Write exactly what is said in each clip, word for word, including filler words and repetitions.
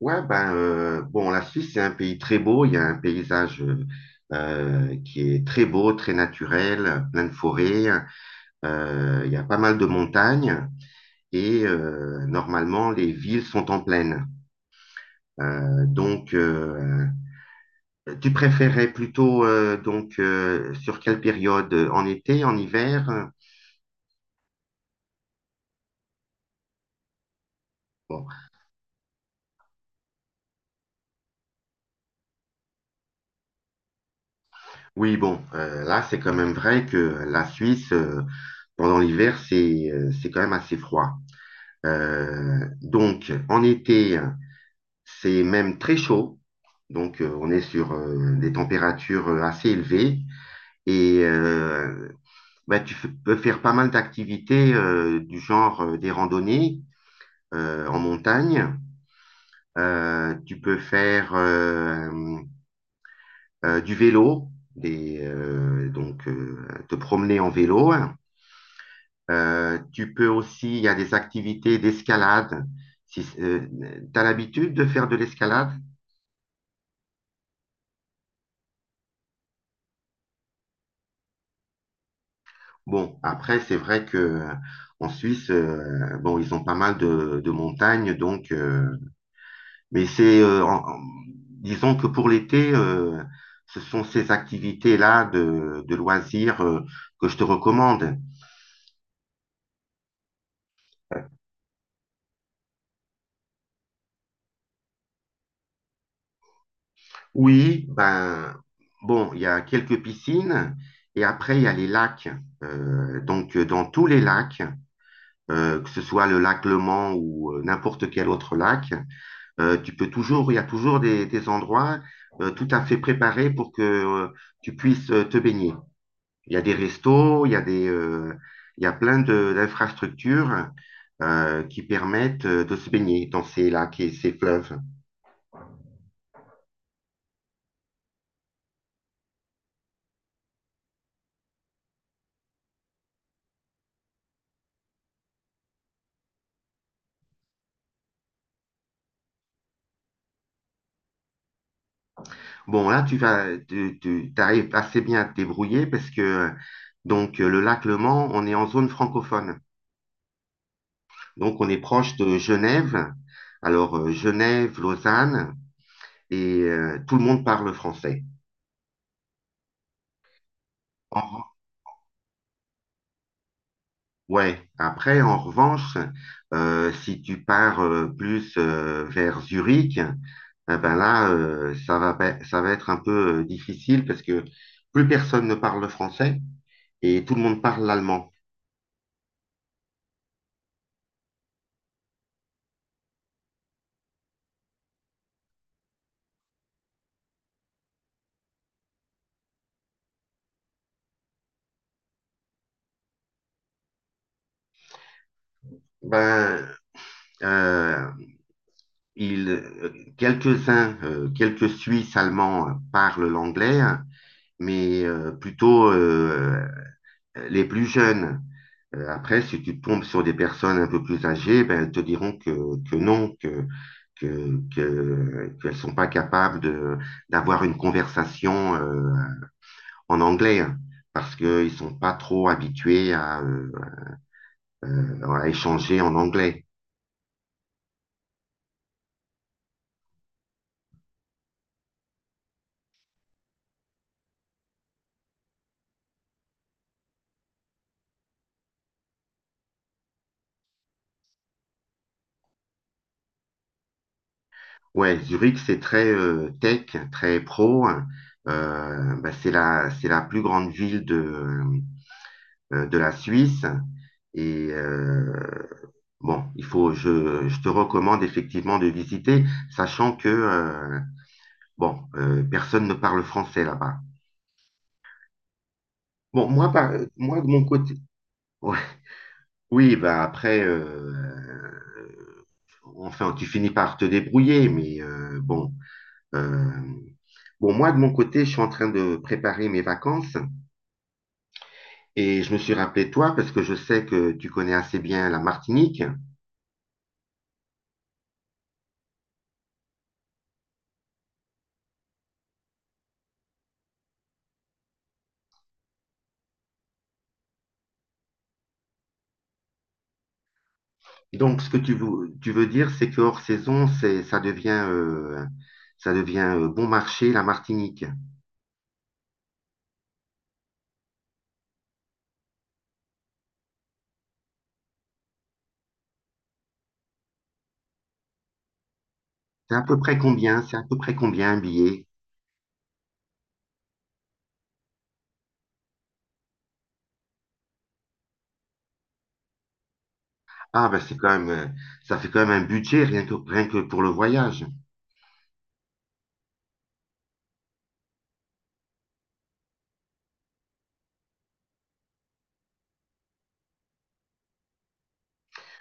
Ouais, ben, euh, bon, la Suisse, c'est un pays très beau. Il y a un paysage euh, euh, qui est très beau, très naturel, plein de forêts. Euh, il y a pas mal de montagnes et euh, normalement, les villes sont en plaine. Euh, donc, euh, tu préférais plutôt euh, donc euh, sur quelle période? En été, en hiver? Bon, oui, bon, euh, là, c'est quand même vrai que la Suisse, euh, pendant l'hiver, c'est euh, c'est quand même assez froid. Euh, donc, en été, c'est même très chaud. Donc, euh, on est sur euh, des températures euh, assez élevées et euh, bah, tu f- peux faire pas mal d'activités euh, du genre euh, des randonnées euh, en montagne. Euh, tu peux faire euh, euh, du vélo, des, euh, donc euh, te promener en vélo. Euh, tu peux aussi, il y a des activités d'escalade. Si, tu as l'habitude de faire de l'escalade? Bon, après, c'est vrai que euh, en Suisse, euh, bon, ils ont pas mal de, de montagnes, donc, euh, mais c'est, euh, en- en- disons que pour l'été, euh, ce sont ces activités-là de, de loisirs euh, que je te recommande. Oui, ben, bon, il y a quelques piscines et après, il y a les lacs. Euh, donc, euh, dans tous les lacs, euh, que ce soit le lac Le Mans ou euh, n'importe quel autre lac, Euh, tu peux toujours, il y a toujours des, des endroits euh, tout à fait préparés pour que euh, tu puisses euh, te baigner. Il y a des restos, il y a des, euh, il y a plein de- d'infrastructures euh, qui permettent euh, de se baigner dans ces lacs et ces fleuves. Bon, là, tu vas, tu, tu arrives assez bien à te débrouiller parce que donc euh, le lac Le Mans, on est en zone francophone. Donc on est proche de Genève. Alors euh, Genève, Lausanne, et euh, tout le monde parle français. En Ouais, après, en revanche, euh, si tu pars euh, plus euh, vers Zurich, eh ben là, euh, ça va, pa- ça va être un peu euh, difficile parce que plus personne ne parle le français et tout le monde parle l'allemand. Ben, euh, il, euh, quelques-uns, euh, quelques Suisses allemands euh, parlent l'anglais, hein, mais euh, plutôt euh, les plus jeunes. Euh, Après, si tu tombes sur des personnes un peu plus âgées, ben, elles te diront que, que non, que, que, qu'elles sont pas capables de, d'avoir une conversation euh, en anglais hein, parce qu'ils sont pas trop habitués à, euh, euh, à échanger en anglais. Ouais, Zurich, c'est très euh, tech, très pro, hein. Euh, bah, c'est la, c'est la plus grande ville de, euh, de la Suisse. Et euh, bon, il faut, je, je te recommande effectivement de visiter, sachant que, euh, bon, euh, personne ne parle français là-bas. Bon, moi, par- moi, de mon côté, ouais. Oui, bah après, euh, euh, enfin, tu finis par te débrouiller, mais euh, bon, euh, bon, moi, de mon côté, je suis en train de préparer mes vacances et je me suis rappelé de toi parce que je sais que tu connais assez bien la Martinique. Donc, ce que tu veux, tu veux dire, c'est que hors saison, c'est, ça devient, euh, ça devient euh, bon marché, la Martinique. C'est à peu près combien? C'est à peu près combien un billet? Ah, ben c'est quand même, euh, ça fait quand même un budget rien que, rien que pour le voyage.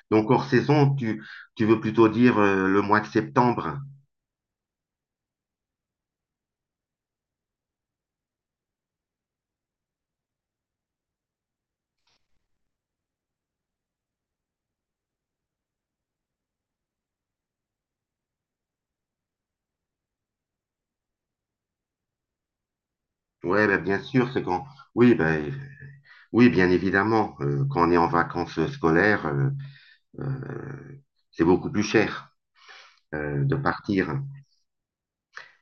Donc hors saison, tu, tu veux plutôt dire euh, le mois de septembre. Ouais, ben bien sûr, c'est quand. Oui, ben oui, bien évidemment. Euh, quand on est en vacances scolaires, euh, euh, c'est beaucoup plus cher euh, de partir.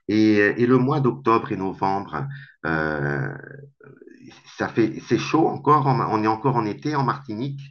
Et, euh, et le mois d'octobre et novembre, euh, ça fait, c'est chaud encore, en- on est encore en été en Martinique.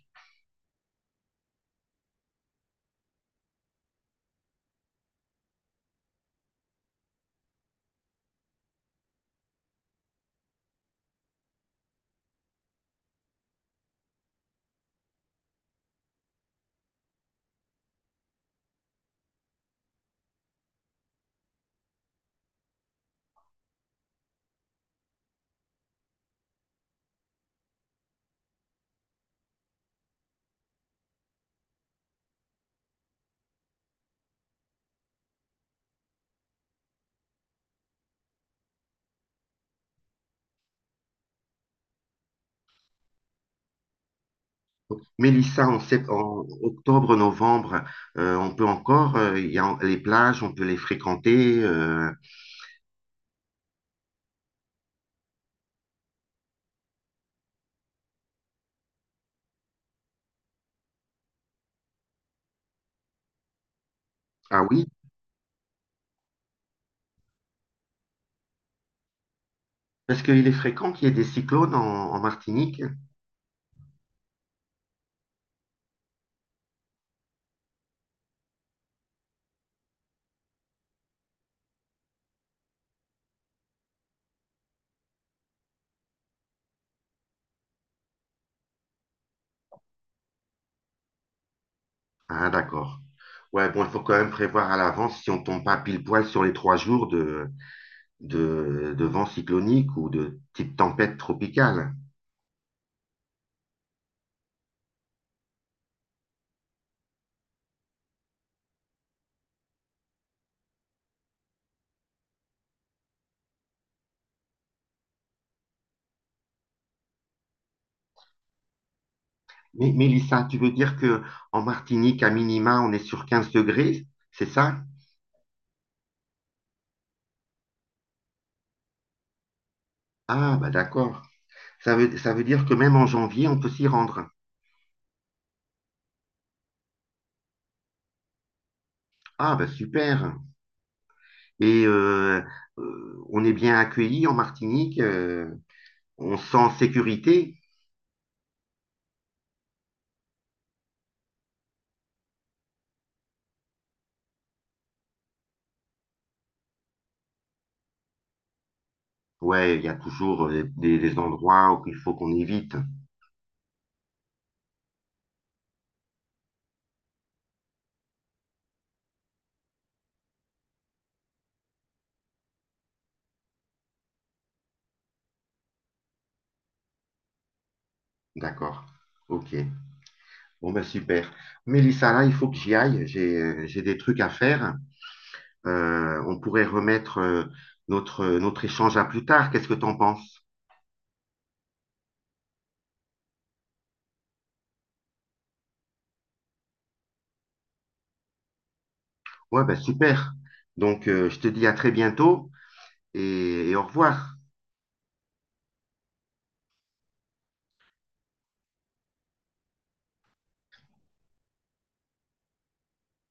Mélissa, en, sept- en octobre, novembre, euh, on peut encore, euh, il y a les plages, on peut les fréquenter, euh. Ah oui, parce qu'il est fréquent qu'il y ait des cyclones en, en Martinique. Ah d'accord. Ouais, bon, il faut quand même prévoir à l'avance si on tombe pas pile poil sur les trois jours de, de, de vent cyclonique ou de type tempête tropicale. Mais Mélissa, tu veux dire que en Martinique, à minima, on est sur quinze degrés, c'est ça? Ah bah d'accord. Ça veut, ça veut dire que même en janvier, on peut s'y rendre. Ah, bah super. Et euh, euh, on est bien accueilli en Martinique, euh, on se sent en sécurité. Ouais, il y a toujours euh, des, des endroits où il faut qu'on évite. D'accord. Ok. Bon, bah super. Mélissa, là, il faut que j'y aille. J'ai, euh, j'ai des trucs à faire. Euh, on pourrait remettre euh, notre, euh, notre échange à plus tard. Qu'est-ce que t'en penses? Ouais, bah super. Donc, euh, je te dis à très bientôt et et au revoir.